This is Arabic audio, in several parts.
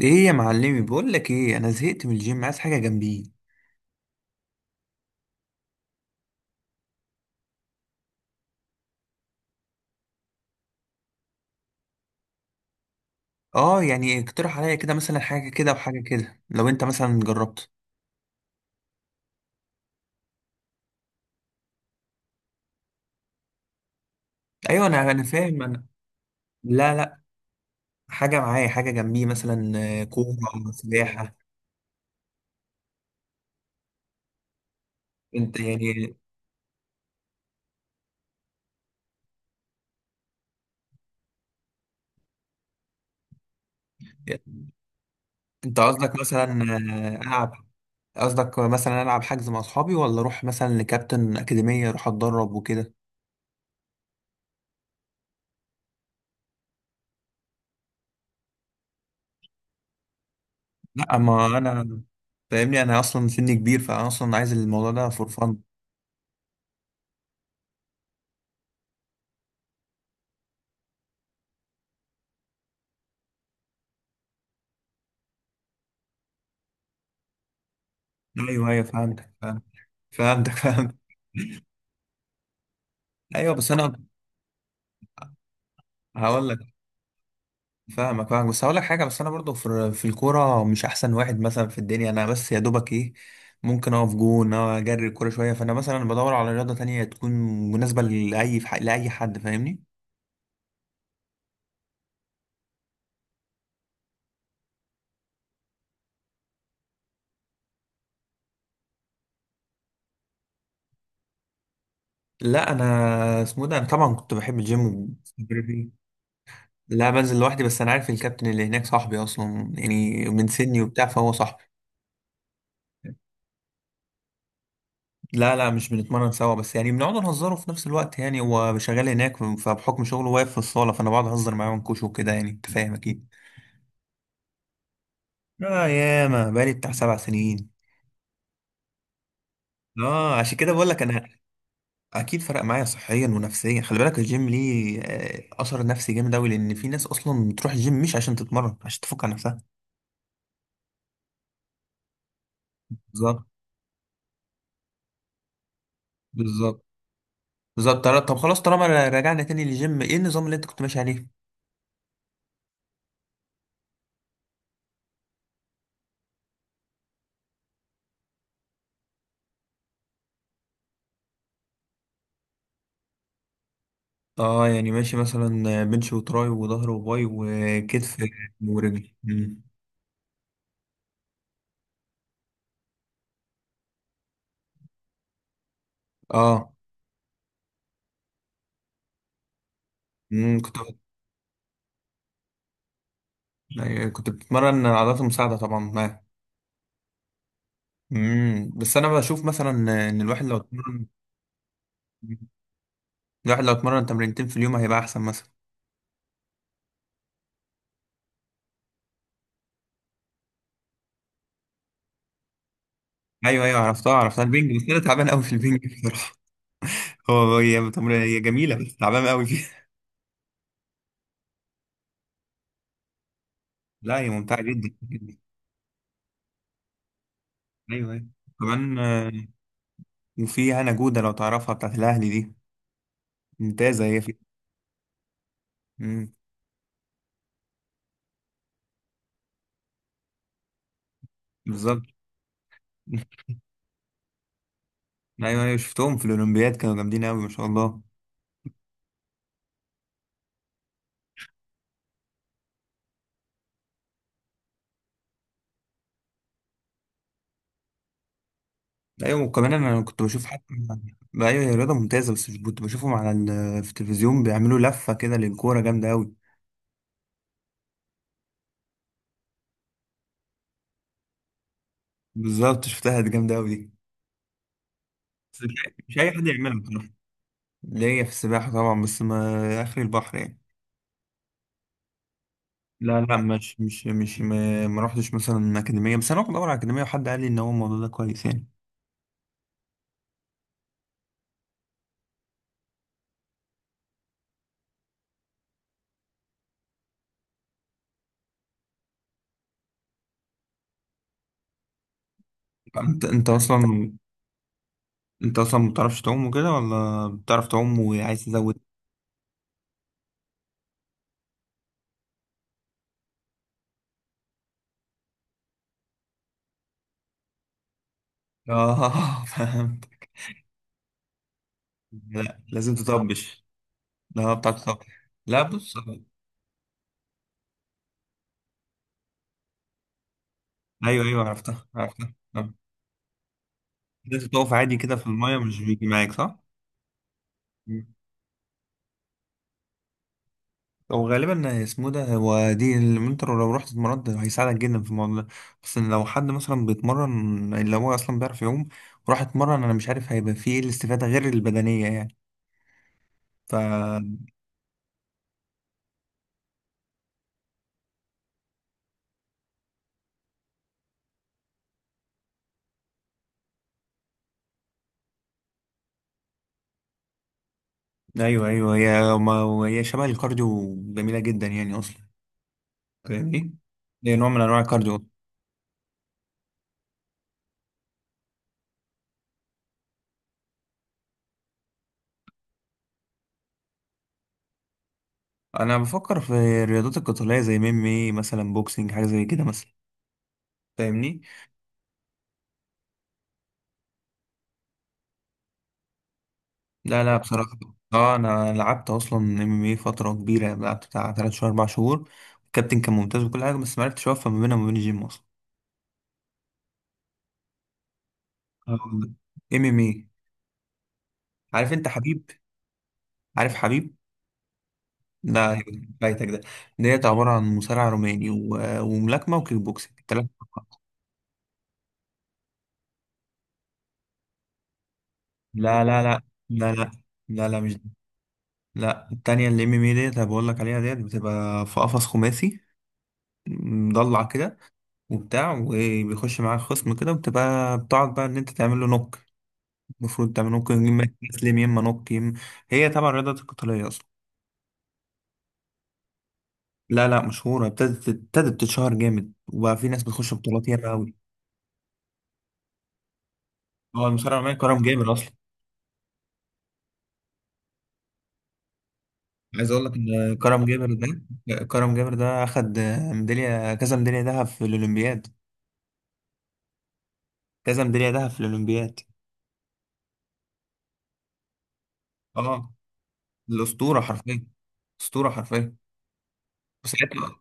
ايه يا معلمي، بقول لك ايه، انا زهقت من الجيم، عايز حاجه جنبي. اه، يعني اقترح عليا كده مثلا حاجه كده وحاجه كده لو انت مثلا جربت. ايوه، انا فاهم انا. لا، لا، حاجه معايا، حاجه جنبي مثلا. آه، كوره، سباحه. انت يعني؟ انت قصدك مثلا العب؟ قصدك مثلا العب حجز مع اصحابي، ولا اروح مثلا لكابتن اكاديميه اروح اتدرب وكده؟ لا، ما انا. فاهمني، انا اصلا سني كبير، فانا اصلا عايز الموضوع ده فور فن. ايوه، ايوه، فهمتك، فهمتك، فهمتك. ايوه، بس انا. هقول لك، فاهمك، فاهمك، بس هقول لك حاجه، بس انا برضو في الكوره مش احسن واحد مثلا في الدنيا، انا بس يا دوبك ايه. ممكن اقف جون أو اجري الكوره شويه، فانا مثلا بدور على رياضه تانية تكون مناسبه لاي حد، فاهمني. لا، انا اسمه إيه ده، انا طبعا كنت بحب الجيم وبستمر فيه. لا، بنزل لوحدي، بس انا عارف الكابتن اللي هناك صاحبي اصلا، يعني من سني وبتاع، فهو صاحبي. لا، لا، مش بنتمرن سوا، بس يعني بنقعد نهزره في نفس الوقت، يعني هو شغال هناك، فبحكم شغله واقف في الصالة، فأنا بقعد أهزر معاه ونكوشه وكده، يعني أنت فاهم أكيد. آه، ياما بقالي بتاع 7 سنين. آه، عشان كده بقول لك أنا. أكيد فرق معايا صحيا ونفسيا. خلي بالك الجيم ليه أثر نفسي جامد أوي، لأن في ناس أصلا بتروح الجيم مش عشان تتمرن، عشان تفك عن نفسها. بالظبط. بالظبط. بالظبط. طب خلاص، طالما رجعنا تاني للجيم، إيه النظام اللي أنت كنت ماشي عليه؟ اه، يعني ماشي مثلا بنش وتراي وظهر وباي وكتف ورجل. اه. كنت. أيوة، كنت بتمرن عضلات المساعدة طبعا معاه. بس انا بشوف مثلا ان الواحد لو اتمرن تمرينتين في اليوم هيبقى احسن مثلا. ايوه، ايوه، عرفتها، عرفتها البنج، بس انا تعبان قوي في البنج بصراحة. هو هي جميلة، بس تعبان قوي فيها. لا، هي ممتعة جدا جدا. ايوه، ايوه، كمان. وفي هنا جودة لو تعرفها، بتاعت الاهلي دي، ممتازة هي فيها. مم. بالظبط. ايوه، ايوه، شفتهم في الاولمبياد كانوا جامدين قوي ما شاء الله. ايوه، وكمان انا كنت بشوف حد. ايوه، هي رياضه ممتازه، بس كنت بشوفهم في التلفزيون بيعملوا لفه كده للكوره جامده قوي. بالظبط، شفتها دي، جامده قوي دي. بس مش اي حد يعملها بصراحه. ليا في السباحه طبعا، بس ما اخر البحر يعني. لا، لا، مش مش مش ما رحتش مثلا اكاديميه، بس انا كنت بدور على اكاديميه، وحد قال لي ان هو الموضوع ده كويس يعني. انت اصلا. انت اصلا ما بتعرفش تعوم وكده، ولا بتعرف تعوم وعايز تزود؟ اه. فهمت. لا، لازم تطبش. لا، هو بتاع تطبش. لا، بص. ايوه، ايوه، عرفتها، عرفتها. آه. لازم تقف عادي كده في المايه، مش بيجي معاك صح؟ مم. هو غالبا اسمه ده، هو دي اللي انت لو رحت اتمرنت هيساعدك جدا في الموضوع ده. بس إن لو حد مثلا بيتمرن، اللي هو اصلا بيعرف يعوم. وراح اتمرن، انا مش عارف هيبقى فيه ايه الاستفاده غير البدنيه، يعني. ف ايوه، ايوه، هي ما هي شبه الكارديو جميله جدا يعني اصلا. فاهمني؟ هي نوع من انواع الكارديو. انا بفكر في الرياضات القتاليه زي ميمي مثلا، بوكسينج، حاجه زي كده مثلا. فاهمني. لا، لا، بصراحه. اه، انا لعبت اصلا ام ام فتره كبيره، لعبت بتاع 3 شهور، 4 شهور. الكابتن كان ممتاز وكل حاجه، بس ما عرفتش اوفق ما بينها وما بين الجيم اصلا. MMA. عارف انت حبيب؟ عارف حبيب؟ لا، فايتك ده. ديت عباره عن مصارع روماني و- وملاكمه وكيك بوكسينج، التلاتة فقط. لا، لا، لا، لا، لا، لا، لا، مش دي. لا، التانية اللي MMA ديت، انا بقول لك عليها ديت بتبقى في قفص خماسي، مضلع كده، وبتاع، وبيخش معاك خصم كده، وبتبقى بتقعد بقى ان انت تعمل له نوك. المفروض تعمل نوك يما. تسلم يما، نوك يما. هي طبعا الرياضة القتالية اصلا. لا، لا، مشهورة. ابتدت تتشهر جامد، وبقى في ناس بتخش بطولات ياما قوي. هو المصارع الروماني كرم جابر اصلا. عايز اقول لك ان كرم جابر ده اخد ميدالية، كذا ميدالية ذهب في الاولمبياد. كذا ميدالية ذهب في الاولمبياد. اه، الاسطورة حرفيا. اسطورة حرفيا. وساعتها.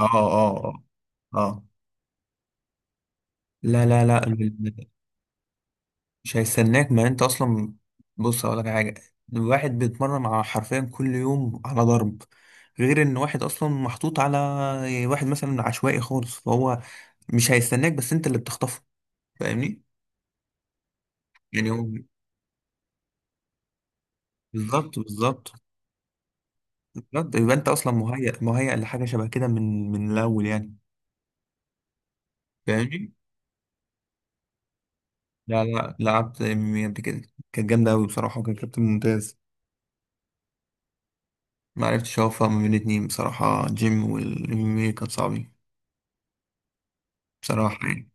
اه، اه، اه. اه. لا، لا، لا، ال- مش هيستناك ما انت اصلا. بص، اقول لك حاجه. الواحد بيتمرن على حرفيا كل يوم على ضرب. غير ان واحد اصلا محطوط على واحد مثلا عشوائي خالص، فهو مش هيستناك، بس انت اللي بتخطفه. فاهمني. يعني هو. بالظبط، بالظبط، بالظبط، يبقى انت اصلا مهيأ، مهيأ لحاجه شبه كده من الاول يعني. فاهمني. لا، لا، لعبت MMA قبل كده. كانت جامده قوي بصراحه، وكان كابتن ممتاز. ما عرفتش اوفق ما بين الاتنين بصراحه، جيم والام كان صعب. بصراحة يعني.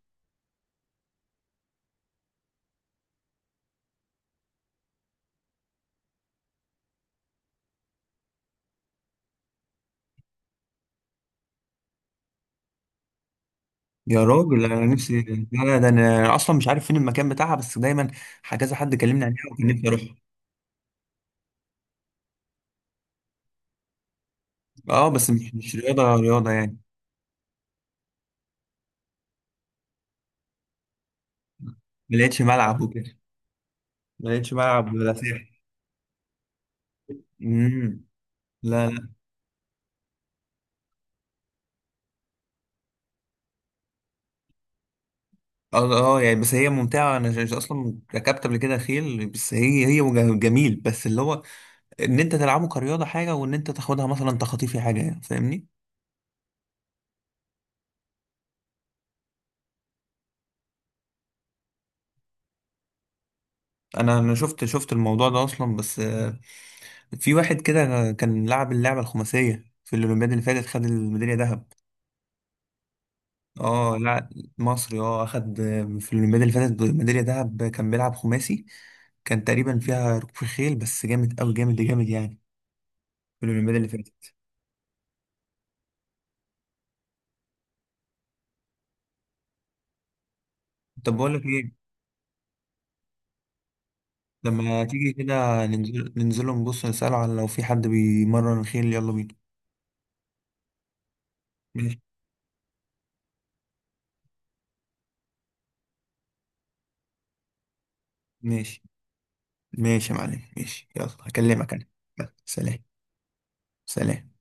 يا راجل، أنا نفسي. لا، لا، ده أنا أصلا مش عارف فين المكان بتاعها، بس دايما كذا حد كلمني عليها، وكان نفسي أروحها. أه، بس مش رياضة رياضة يعني. ما لقيتش ملعب وكده. ما لقيتش ملعب ولا ساحة. أمم. لا، لا. أه، أه، يعني بس هي ممتعة، أنا أصلا ركبت قبل كده خيل، بس هي جميل، بس اللي هو إن أنت تلعبه كرياضة حاجة، وإن أنت تاخدها مثلا تخطيفي حاجة يعني، فاهمني؟ أنا شفت الموضوع ده أصلا، بس في واحد كده كان لعب اللعبة الخماسية في الأولمبياد اللي فاتت، خد الميدالية ذهب. اه، لا، مصري. اه، أخد. في الأولمبياد اللي فاتت، ميدالية ذهب، كان بيلعب خماسي. كان تقريبا فيها ركوب خيل، بس جامد أوي، جامد جامد يعني. في الأولمبياد اللي فاتت. طب، بقول لك إيه. لما تيجي كده ننزل نبص نسأله على لو في حد بيمرن خيل، يلا بينا. ماشي. ماشي، ماشي يا معلم، ماشي، يلا هكلمك أنا. يلا، سلام. سلام.